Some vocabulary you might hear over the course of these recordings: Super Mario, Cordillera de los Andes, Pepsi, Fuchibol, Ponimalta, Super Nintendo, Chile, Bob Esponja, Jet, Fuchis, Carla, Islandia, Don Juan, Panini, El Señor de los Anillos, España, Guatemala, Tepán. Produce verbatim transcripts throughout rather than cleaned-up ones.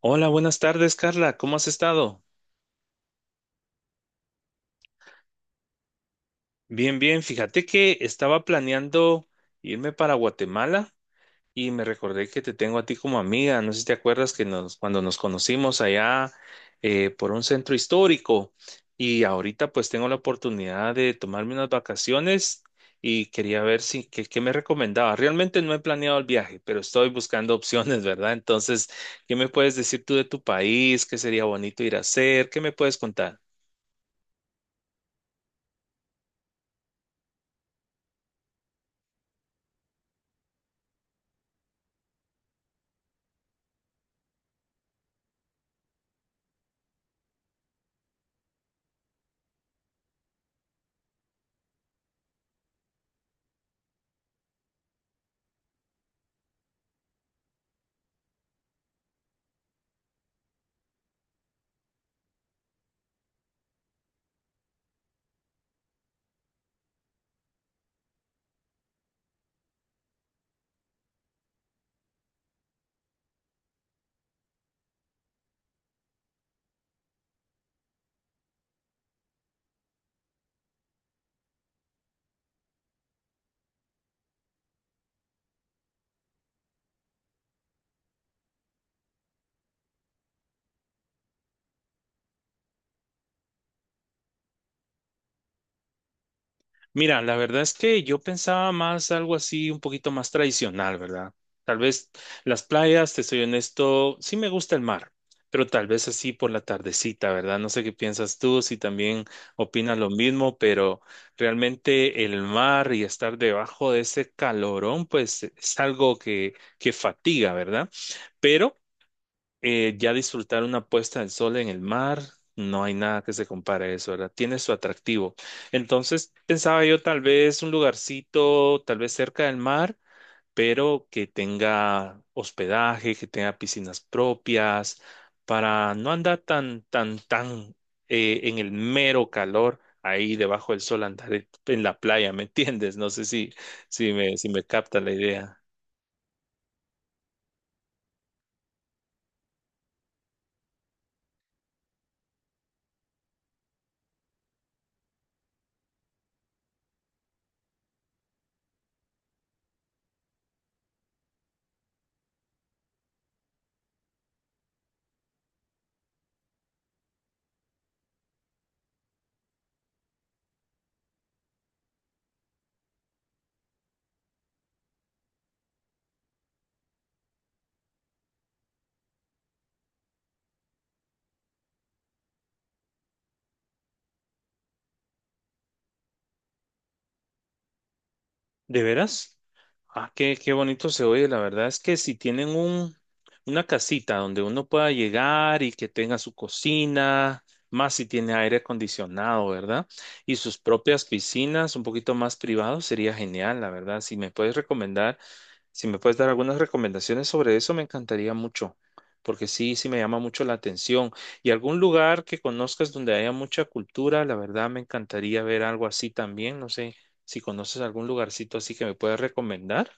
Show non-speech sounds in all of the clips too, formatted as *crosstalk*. Hola, buenas tardes, Carla. ¿Cómo has estado? Bien, bien. Fíjate que estaba planeando irme para Guatemala y me recordé que te tengo a ti como amiga. No sé si te acuerdas que nos, cuando nos conocimos allá eh, por un centro histórico, y ahorita pues tengo la oportunidad de tomarme unas vacaciones y quería ver si qué, qué me recomendaba. Realmente no he planeado el viaje, pero estoy buscando *laughs* opciones, ¿verdad? Entonces, ¿qué me puedes decir tú de tu país? ¿Qué sería bonito ir a hacer? ¿Qué me puedes contar? Mira, la verdad es que yo pensaba más algo así, un poquito más tradicional, ¿verdad? Tal vez las playas, te soy honesto, sí me gusta el mar, pero tal vez así por la tardecita, ¿verdad? No sé qué piensas tú, si también opinas lo mismo, pero realmente el mar y estar debajo de ese calorón, pues es algo que, que fatiga, ¿verdad? Pero eh, ya disfrutar una puesta del sol en el mar, no hay nada que se compare a eso, ¿verdad? Tiene su atractivo. Entonces, pensaba yo tal vez un lugarcito, tal vez cerca del mar, pero que tenga hospedaje, que tenga piscinas propias, para no andar tan, tan, tan eh, en el mero calor. Ahí debajo del sol andar en la playa, ¿me entiendes? No sé si, si me, si me capta la idea. ¿De veras? Ah, qué, qué bonito se oye. La verdad es que si tienen un, una casita donde uno pueda llegar y que tenga su cocina, más si tiene aire acondicionado, ¿verdad? Y sus propias piscinas, un poquito más privado, sería genial, la verdad. Si me puedes recomendar. Si me puedes dar algunas recomendaciones sobre eso, me encantaría mucho, porque sí, sí me llama mucho la atención. Y algún lugar que conozcas donde haya mucha cultura, la verdad me encantaría ver algo así también. No sé si conoces algún lugarcito así que me puedas recomendar.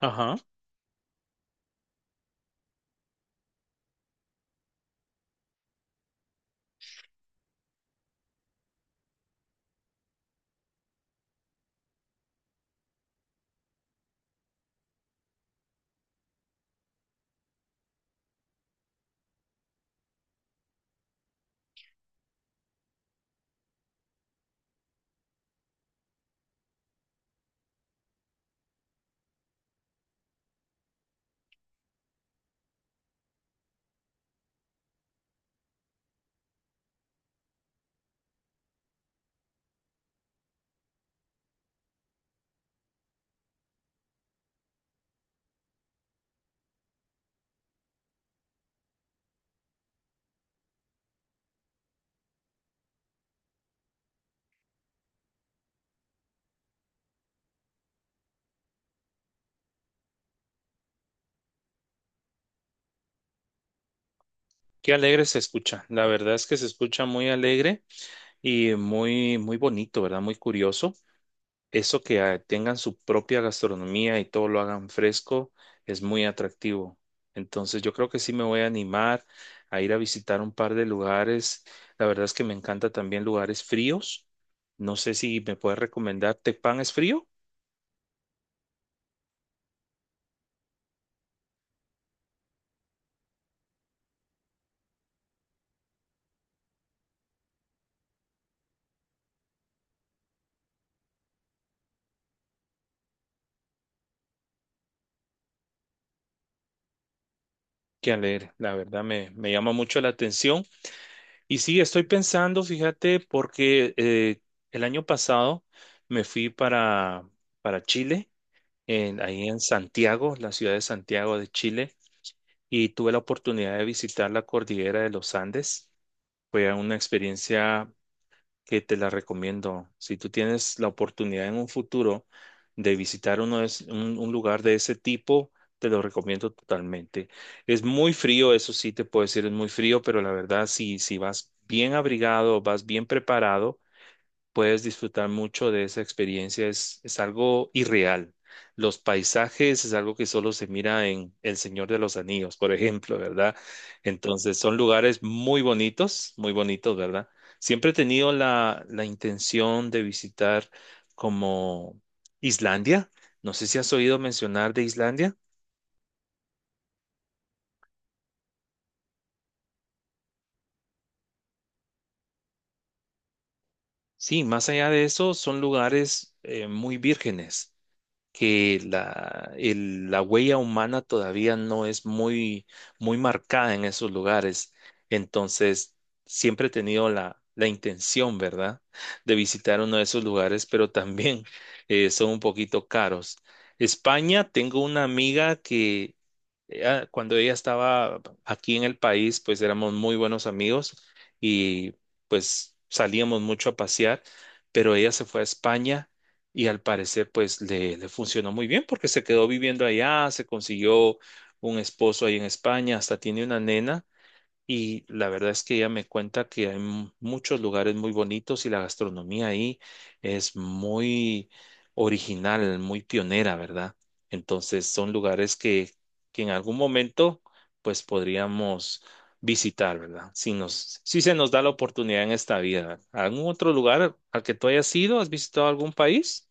Ajá. Qué alegre se escucha. La verdad es que se escucha muy alegre y muy, muy bonito, ¿verdad? Muy curioso. Eso que ah, tengan su propia gastronomía y todo lo hagan fresco es muy atractivo. Entonces yo creo que sí me voy a animar a ir a visitar un par de lugares. La verdad es que me encanta también lugares fríos. No sé si me puedes recomendar Tepán es frío. Que a leer, la verdad me, me llama mucho la atención. Y sí, estoy pensando, fíjate, porque eh, el año pasado me fui para, para Chile, en- ahí en Santiago, la ciudad de Santiago de Chile, y tuve la oportunidad de visitar la cordillera de los Andes. Fue una experiencia que te la recomiendo. Si tú tienes la oportunidad en un futuro de visitar uno de es- un, un lugar de ese tipo, te lo recomiendo totalmente. Es muy frío, eso sí te puedo decir, es muy frío, pero la verdad, si, si vas bien abrigado, vas bien preparado, puedes disfrutar mucho de esa experiencia. Es, es algo irreal. Los paisajes es algo que solo se mira en El Señor de los Anillos, por ejemplo, ¿verdad? Entonces son lugares muy bonitos, muy bonitos, ¿verdad? Siempre he tenido la, la intención de visitar como Islandia. No sé si has oído mencionar de Islandia. Sí, más allá de eso, son lugares eh, muy vírgenes, que la, el- la huella humana todavía no es muy, muy marcada en esos lugares. Entonces, siempre he tenido la, la intención, ¿verdad?, de visitar uno de esos lugares, pero también eh, son un poquito caros. España, tengo una amiga que ella- cuando ella estaba aquí en el país, pues éramos muy buenos amigos y pues salíamos mucho a pasear, pero ella se fue a España y al parecer pues le, le funcionó muy bien porque se quedó viviendo allá, se consiguió un esposo ahí en España, hasta tiene una nena, y la verdad es que ella me cuenta que hay mu- muchos lugares muy bonitos y la gastronomía ahí es muy original, muy pionera, ¿verdad? Entonces son lugares que, que en algún momento pues podríamos visitar, ¿verdad? Si nos, si se nos da la oportunidad en esta vida. ¿Algún otro lugar al que tú hayas ido? ¿Has visitado algún país?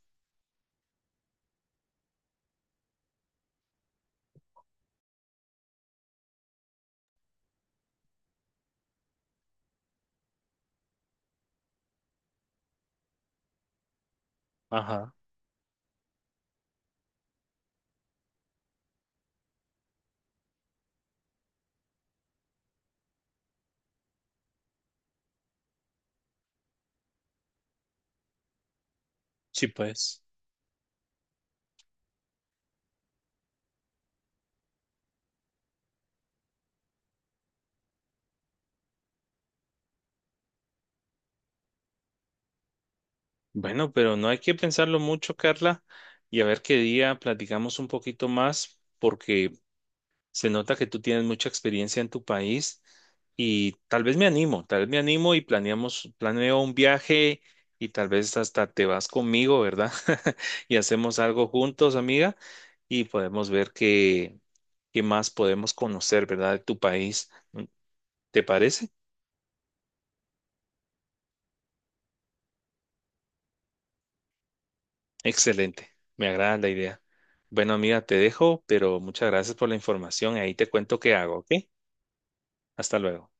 Ajá, sí, pues. Bueno, pero no hay que pensarlo mucho, Carla, y a ver qué día platicamos un poquito más, porque se nota que tú tienes mucha experiencia en tu país y tal vez me animo, tal vez me animo y planeamos, planeo un viaje y tal vez hasta te vas conmigo, ¿verdad? *laughs* Y hacemos algo juntos, amiga, y podemos ver qué, qué más podemos conocer, ¿verdad? De tu país. ¿Te parece? Excelente, me agrada la idea. Bueno, amiga, te dejo, pero muchas gracias por la información. Ahí te cuento qué hago, ¿ok? Hasta luego.